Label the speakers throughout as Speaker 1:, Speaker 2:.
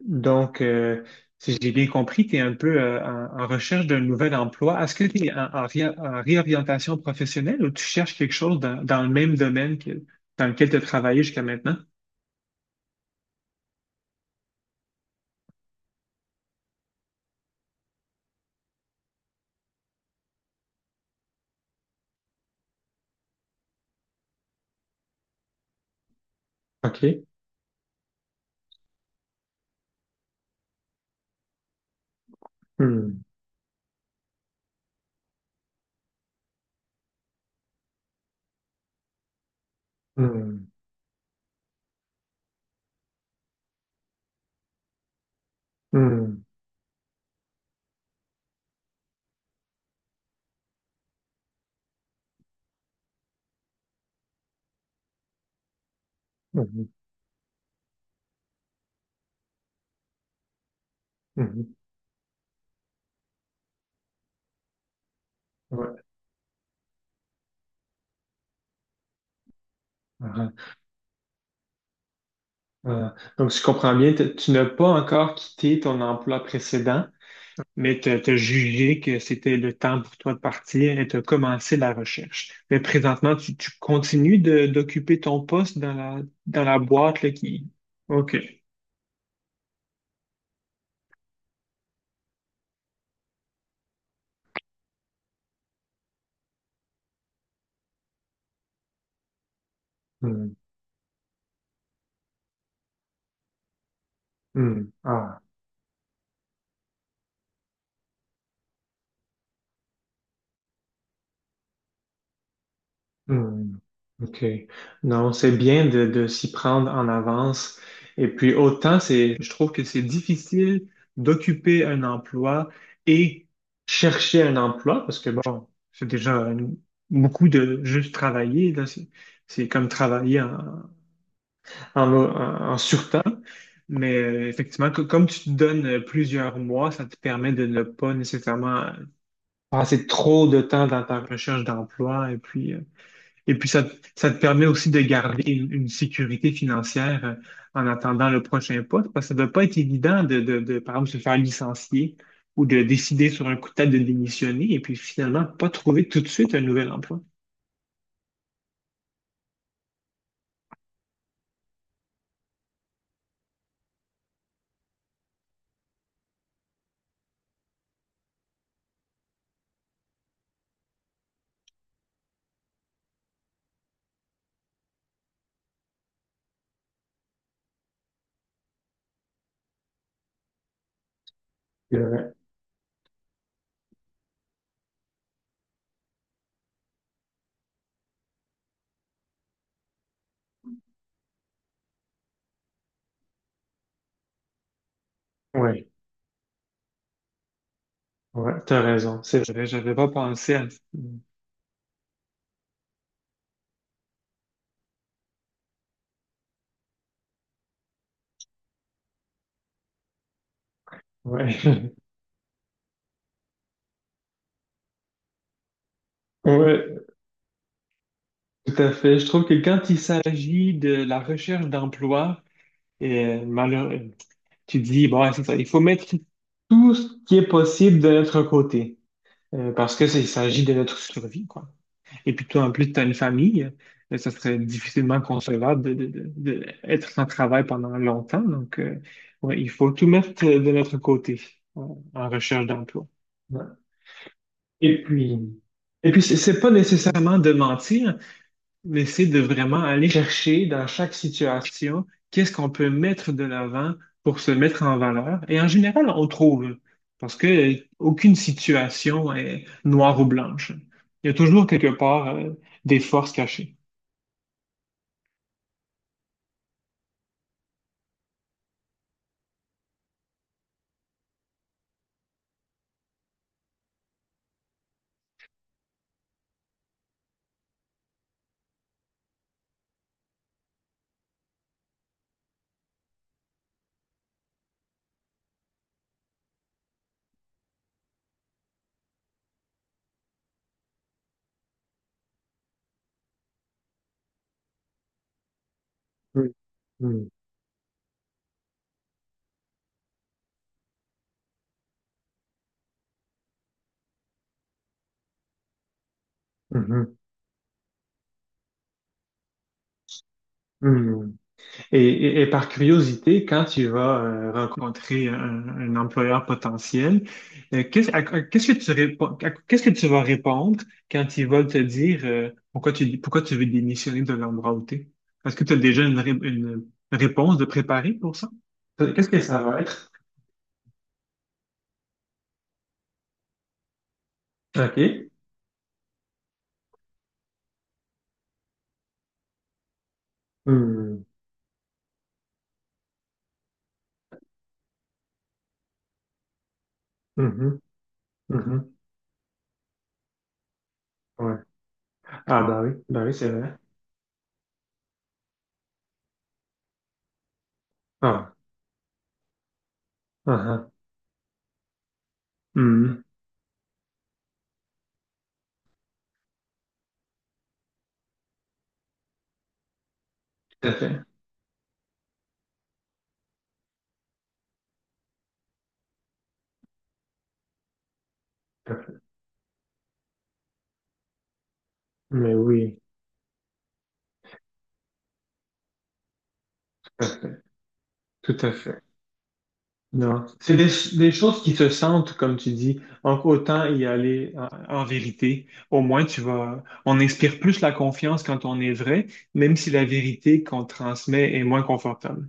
Speaker 1: Donc, si j'ai bien compris, tu es un peu en recherche d'un nouvel emploi. Est-ce que tu es en réorientation professionnelle ou tu cherches quelque chose dans le même domaine que, dans lequel tu as travaillé jusqu'à maintenant? OK. Hmm. Hmm. Hmm. Mhm. Mhm. Ouais. Ah, ah. Donc, si je comprends bien, tu n'as pas encore quitté ton emploi précédent, mais tu as jugé que c'était le temps pour toi de partir et tu as commencé la recherche. Mais présentement, tu continues d'occuper ton poste dans dans la boîte là, qui... OK. Hmm, hmm. Ah, hmm, OK. Non, c'est bien de s'y prendre en avance. Et puis autant c'est, je trouve que c'est difficile d'occuper un emploi et chercher un emploi parce que bon, beaucoup de juste travailler là, c'est comme travailler en, en surtemps. Mais effectivement, comme tu te donnes plusieurs mois, ça te permet de ne pas nécessairement passer trop de temps dans ta recherche d'emploi et puis, ça te permet aussi de garder une sécurité financière en attendant le prochain poste, parce que ça ne doit pas être évident de, par exemple, se faire licencier ou de décider sur un coup de tête de démissionner et puis finalement pas trouver tout de suite un nouvel emploi. Euh, ouais, ouais, t'as raison, c'est vrai. J'avais pas pensé à... Ouais, ouais, tout à fait. Je trouve que quand il s'agit de la recherche d'emploi, et tu te dis, bon, ouais, c'est ça, il faut mettre tout ce qui est possible de notre côté, parce que ça, il s'agit de notre survie, quoi. Et puis toi, en plus, tu as une famille, ça serait difficilement concevable de être sans travail pendant longtemps, donc ouais, il faut tout mettre de notre côté en recherche d'emploi. Ouais. Et puis, et puis c'est pas nécessairement de mentir, mais c'est de vraiment aller chercher dans chaque situation qu'est-ce qu'on peut mettre de l'avant pour se mettre en valeur. Et en général, on trouve, parce que aucune situation est noire ou blanche. Il y a toujours quelque part, des forces cachées. Mhm. Mhm. Mhm. Mm. Et, et par curiosité, quand tu vas rencontrer un employeur potentiel, qu'est-ce que tu réponds, qu'est-ce que tu vas répondre quand ils veulent te dire pourquoi tu veux démissionner de l'endroit où tu es? Est-ce que tu as déjà une réponse de préparer pour ça? Qu'est-ce que ça va être? OK. Hmm. Mhm. Mhm. Ouais. Ah, bah oui, c'est vrai. Ah, ah, ah. Hmm. Tout à fait. Tout à fait. Mais oui, tout à fait. Tout à fait. Non. Des choses qui se sentent, comme tu dis. Donc, autant y aller en vérité. Au moins, on inspire plus la confiance quand on est vrai, même si la vérité qu'on transmet est moins confortable.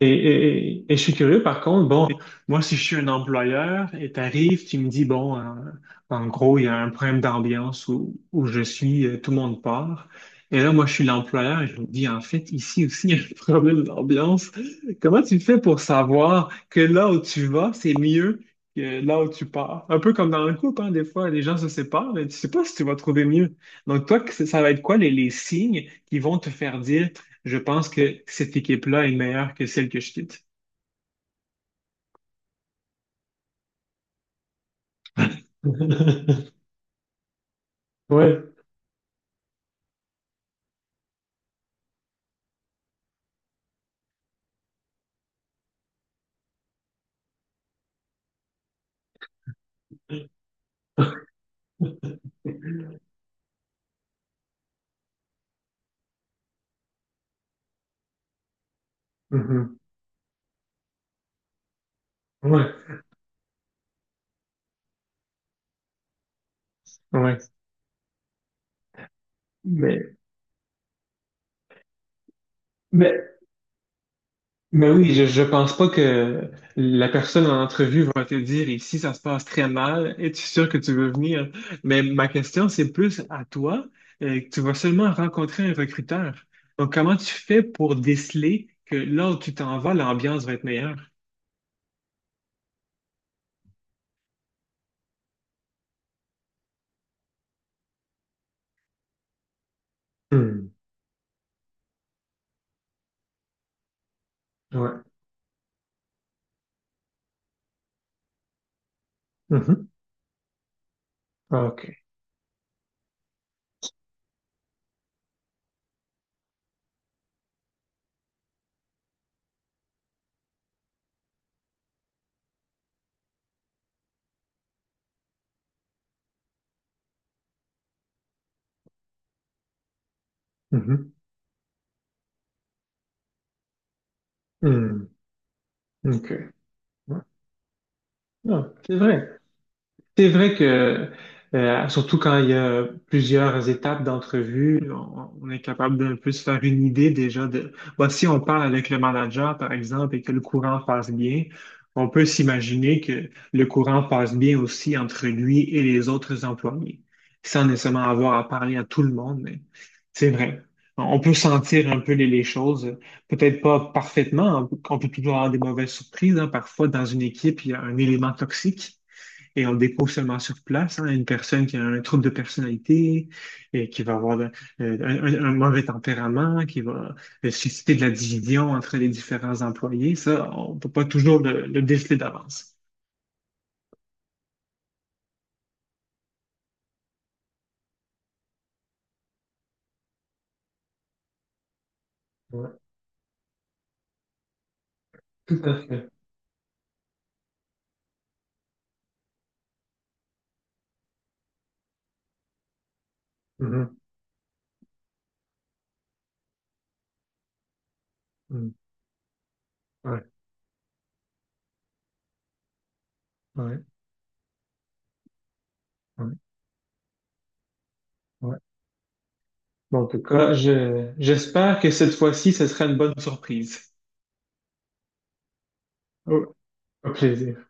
Speaker 1: Et, et je suis curieux, par contre, bon, moi, si je suis un employeur et t'arrives, tu me dis, bon, en gros, il y a un problème d'ambiance où je suis, tout le monde part. Et là, moi, je suis l'employeur et je me dis, en fait, ici aussi, il y a un problème d'ambiance. Comment tu fais pour savoir que là où tu vas, c'est mieux que là où tu pars? Un peu comme dans un couple, hein, des fois, les gens se séparent, mais tu sais pas si tu vas trouver mieux. Donc, toi, ça va être quoi les signes qui vont te faire dire, je pense que cette équipe-là est meilleure que celle que je quitte. Ouais. Mhm. Ouais. Ouais. Mais, mais, mais oui, je pense pas que la personne en entrevue va te dire ici, ça se passe très mal, es-tu sûr que tu veux venir? Mais ma question, c'est plus à toi, que tu vas seulement rencontrer un recruteur. Donc, comment tu fais pour déceler que là où tu t'en vas, l'ambiance va être meilleure? Hmm. Ouais. Mhm. OK. Mhm. Hmm. Ok. Non, c'est vrai. C'est vrai que, surtout quand il y a plusieurs étapes d'entrevue, on est capable d'un peu se faire une idée déjà de, bon, si on parle avec le manager, par exemple, et que le courant passe bien, on peut s'imaginer que le courant passe bien aussi entre lui et les autres employés, sans nécessairement avoir à parler à tout le monde, mais c'est vrai. On peut sentir un peu les choses, peut-être pas parfaitement, on peut toujours avoir des mauvaises surprises, hein. Parfois, dans une équipe, il y a un élément toxique et on le découvre seulement sur place, hein, une personne qui a un trouble de personnalité, et qui va avoir un mauvais tempérament, qui va susciter de la division entre les différents employés. Ça, on peut pas toujours le déceler d'avance. Ouais, tout à fait. Mhm, mhm. Ouais, ouais, ouais, ouais. Bon, en tout cas, j'espère que cette fois-ci, ce sera une bonne surprise. Au au plaisir.